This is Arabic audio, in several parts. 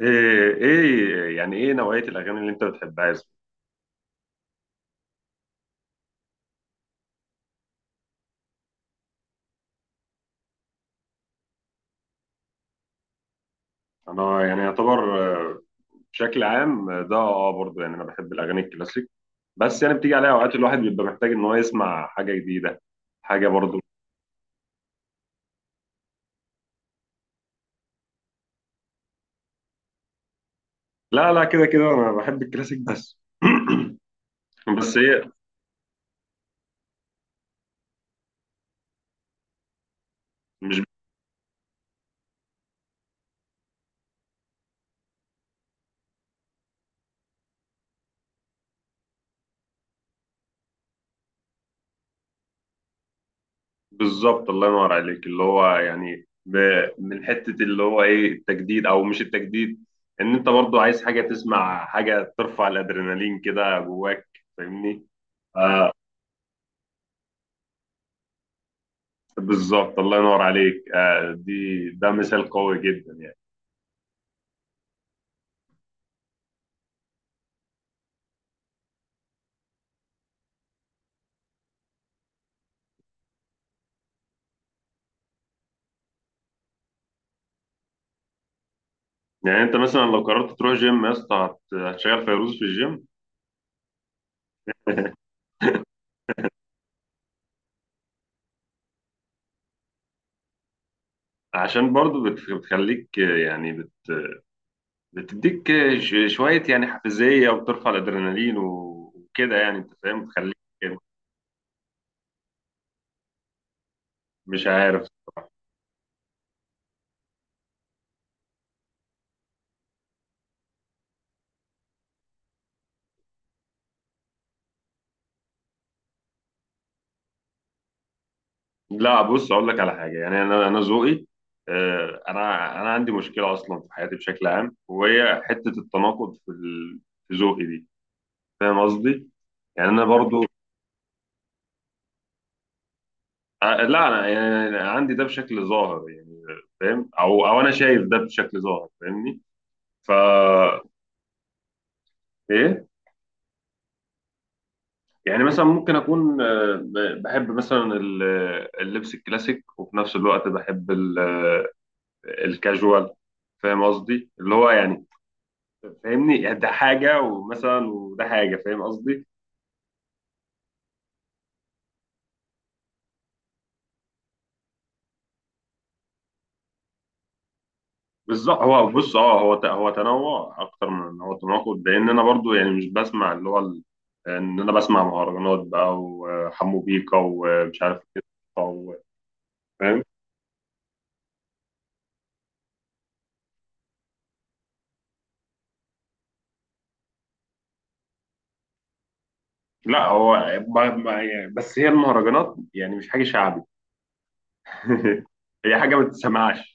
ايه يعني ايه نوعية الأغاني اللي أنت بتحبها يا زلمة؟ أنا يعني يعتبر، آه، بشكل عام، ده برضه يعني أنا بحب الأغاني الكلاسيك. بس يعني بتيجي عليها أوقات الواحد بيبقى محتاج إن هو يسمع حاجة جديدة، حاجة برضه. لا لا، كده كده أنا بحب الكلاسيك بس. بس هي مش، بالظبط، الله ينور عليك، اللي هو يعني من حتة اللي هو ايه التجديد أو مش التجديد، إن أنت برضه عايز حاجة، تسمع حاجة ترفع الأدرينالين كده جواك. فاهمني؟ بالظبط، الله ينور عليك. دي ده مثال قوي جدا يعني. يعني انت مثلا لو قررت تروح جيم يا اسطى هتشغل فيروز في الجيم؟ عشان برضو بتخليك، يعني بت بتديك، شوية يعني حافزية وبترفع الادرينالين وكده يعني انت فاهم، بتخليك مش عارف. لا بص اقول لك على حاجة، يعني انا ذوقي، انا عندي مشكلة اصلا في حياتي بشكل عام، وهي حتة التناقض في في ذوقي دي. فاهم قصدي؟ يعني انا برضو، لا انا يعني عندي ده بشكل ظاهر يعني، فاهم، او انا شايف ده بشكل ظاهر، فاهمني؟ فا ايه. يعني مثلا ممكن اكون، بحب مثلا اللبس الكلاسيك، وفي نفس الوقت بحب الكاجوال. فاهم قصدي؟ اللي هو يعني، فاهمني، يعني ده حاجة ومثلا وده حاجة، فاهم قصدي. بالظبط. هو بص، اه هو هو تنوع اكتر من ان هو تناقض، لان انا برضو يعني مش بسمع اللي هو ان انا بسمع مهرجانات بقى وحمو بيكا ومش عارف ايه و- فاهم. لا هو، يعني بس هي المهرجانات يعني مش حاجه شعبي. هي حاجه ما تتسمعش.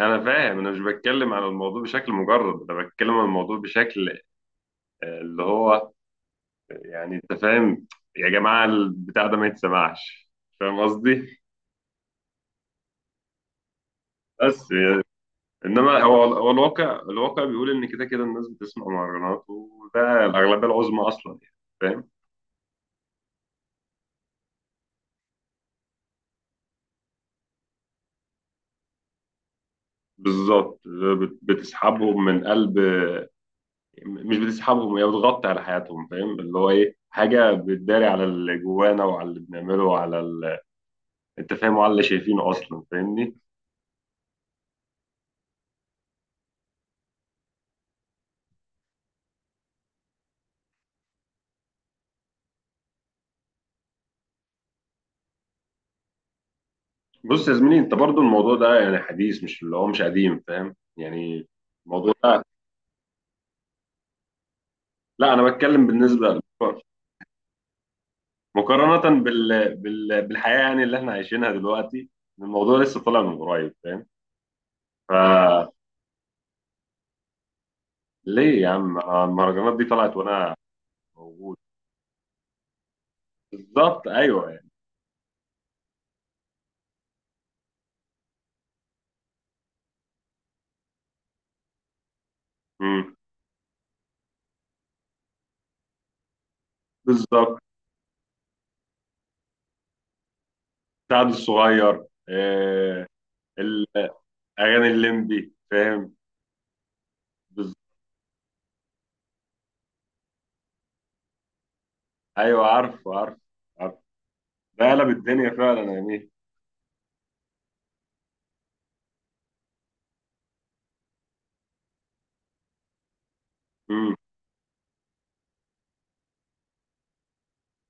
انا فاهم، انا مش بتكلم على الموضوع بشكل مجرد، انا بتكلم على الموضوع بشكل، اللي هو يعني انت فاهم، يا جماعه البتاع ده ما يتسمعش، فاهم قصدي؟ بس يعني، انما هو الواقع، الواقع بيقول ان كده كده الناس بتسمع مهرجانات، وده الاغلبيه العظمى اصلا يعني، فاهم. بالظبط، بتسحبهم من قلب. مش بتسحبهم، هي بتغطي على حياتهم، فاهم، اللي هو ايه، حاجه بتداري على اللي جوانا وعلى اللي بنعمله وعلى ال... انت فاهم، وعلى اللي شايفينه اصلا، فاهمني. بص يا زميلي، انت برضو الموضوع ده يعني حديث، مش اللي هو مش قديم، فاهم يعني الموضوع ده. لا انا بتكلم بالنسبه، مقارنة بال... بال... بالحياة يعني اللي احنا عايشينها دلوقتي، الموضوع لسه طالع من قريب فاهم. فليه؟ يا عم أنا المهرجانات دي طلعت وانا موجود. بالظبط، ايوه يعني. مم. بالظبط. سعد الصغير، ال- اغاني الليمبي فاهم. بالظبط، ايوه عارف عارف عارف. ده قلب الدنيا فعلا يا مين. مم.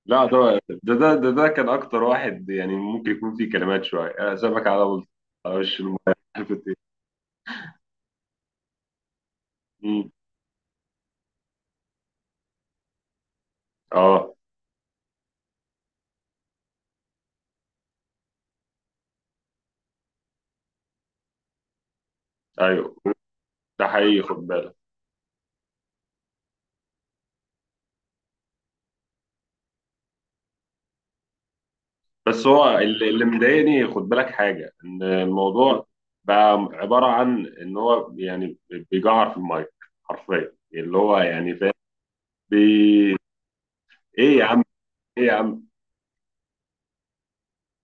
لا ده كان اكتر واحد يعني ممكن يكون فيه كلمات شويه، أنا سابك على بلطة، على وش الميه. عارف إنت إيه؟ مم. اه ايوه ده حقيقي، خد بالك. بس هو اللي مضايقني، خد بالك حاجه، ان الموضوع بقى عباره عن ان هو يعني بيجعر في المايك، حرفيا اللي هو يعني فاهم. بي... ايه يا عم، ايه يا عم،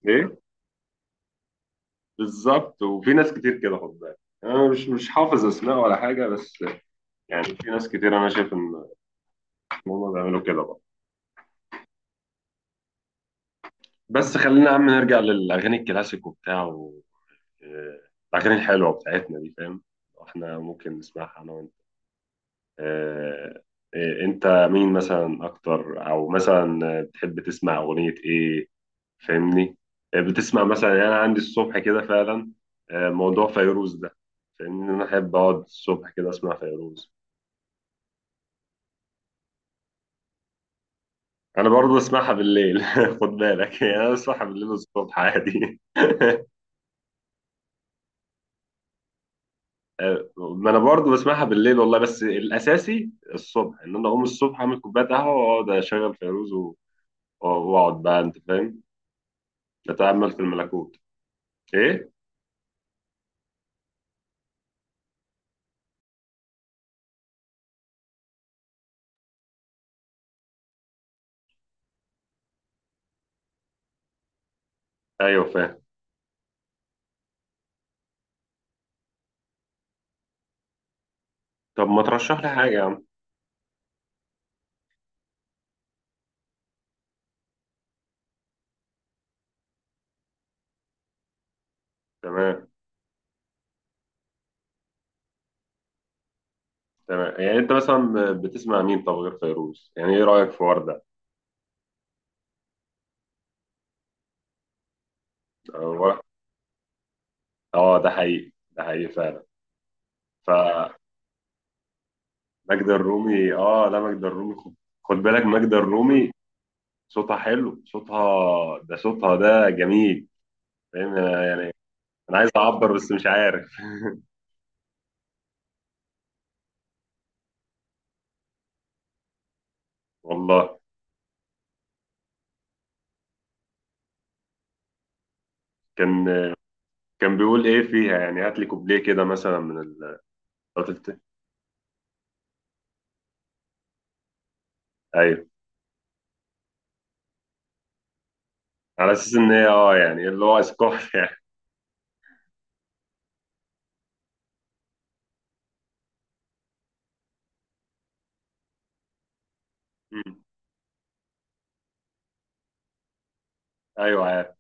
ايه. بالظبط. وفي ناس كتير كده خد بالك، انا مش حافظ اسماء ولا حاجه، بس يعني في ناس كتير انا شايف ان، إن هم بيعملوا كده بقى. بس خلينا يا عم نرجع للاغاني الكلاسيك وبتاع و... آه، الاغاني الحلوه بتاعتنا دي، فاهم، احنا ممكن نسمعها. انا آه، انت مين مثلا اكتر، او مثلا بتحب تسمع اغنية ايه؟ فاهمني. بتسمع مثلا، يعني انا عندي الصبح كده فعلا موضوع فيروز ده، فاهمني، انا احب اقعد الصبح كده اسمع فيروز. انا برضه بسمعها بالليل خد بالك، يعني انا بسمعها بالليل والصبح عادي. ما انا برضه بسمعها بالليل والله، بس الاساسي الصبح، ان انا اقوم الصبح اعمل كوبايه قهوه واقعد اشغل فيروز واقعد بقى انت فاهم، اتامل في الملكوت. ايه؟ ايوه فاهم. طب ما ترشح لي حاجه يا عم. تمام. تمام، يعني انت مثلا بتسمع مين، طب غير فيروز؟ يعني ايه رايك في ورده؟ اه، ده حقيقي ده حقيقي فعلا. فماجدة الرومي، اه لا ماجدة الرومي، خد، خد بالك ماجدة الرومي، صوتها حلو صوتها، ده صوتها ده جميل، فاهم. أنا يعني انا عايز اعبر بس مش عارف. والله. كان كان بيقول ايه فيها يعني، هات لي كوبليه كده مثلا من ال... قلت-، ايوه، على اساس ان هي اه يعني اللي هو اسقاط يعني. مم. ايوه.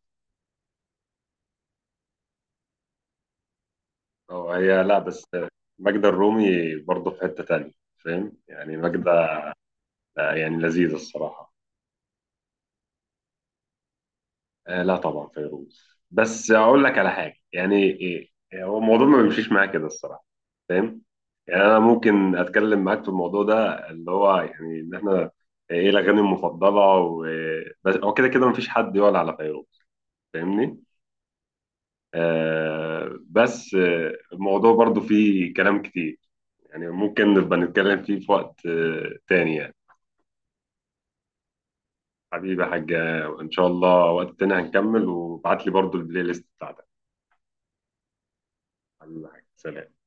هو هي لا بس ماجدة الرومي برضه في حتة تانية، فاهم يعني ماجدة، يعني لذيذة الصراحة. آه لا طبعا فيروز. بس أقول لك على حاجة، يعني إيه إيه، هو الموضوع ما بيمشيش معايا كده الصراحة، فاهم. يعني أنا ممكن أتكلم معاك في الموضوع ده، اللي هو يعني إن إحنا إيه الأغاني المفضلة، و بس هو كده كده مفيش حد يقول على فيروز، فاهمني. آه بس، الموضوع برضه فيه كلام كتير، يعني ممكن نبقى نتكلم فيه في وقت تاني يعني. حبيبي يا حاج، ان شاء الله وقت تاني هنكمل، وابعت لي برضو البلاي ليست بتاعتك. حبيبي يا حاج، سلام.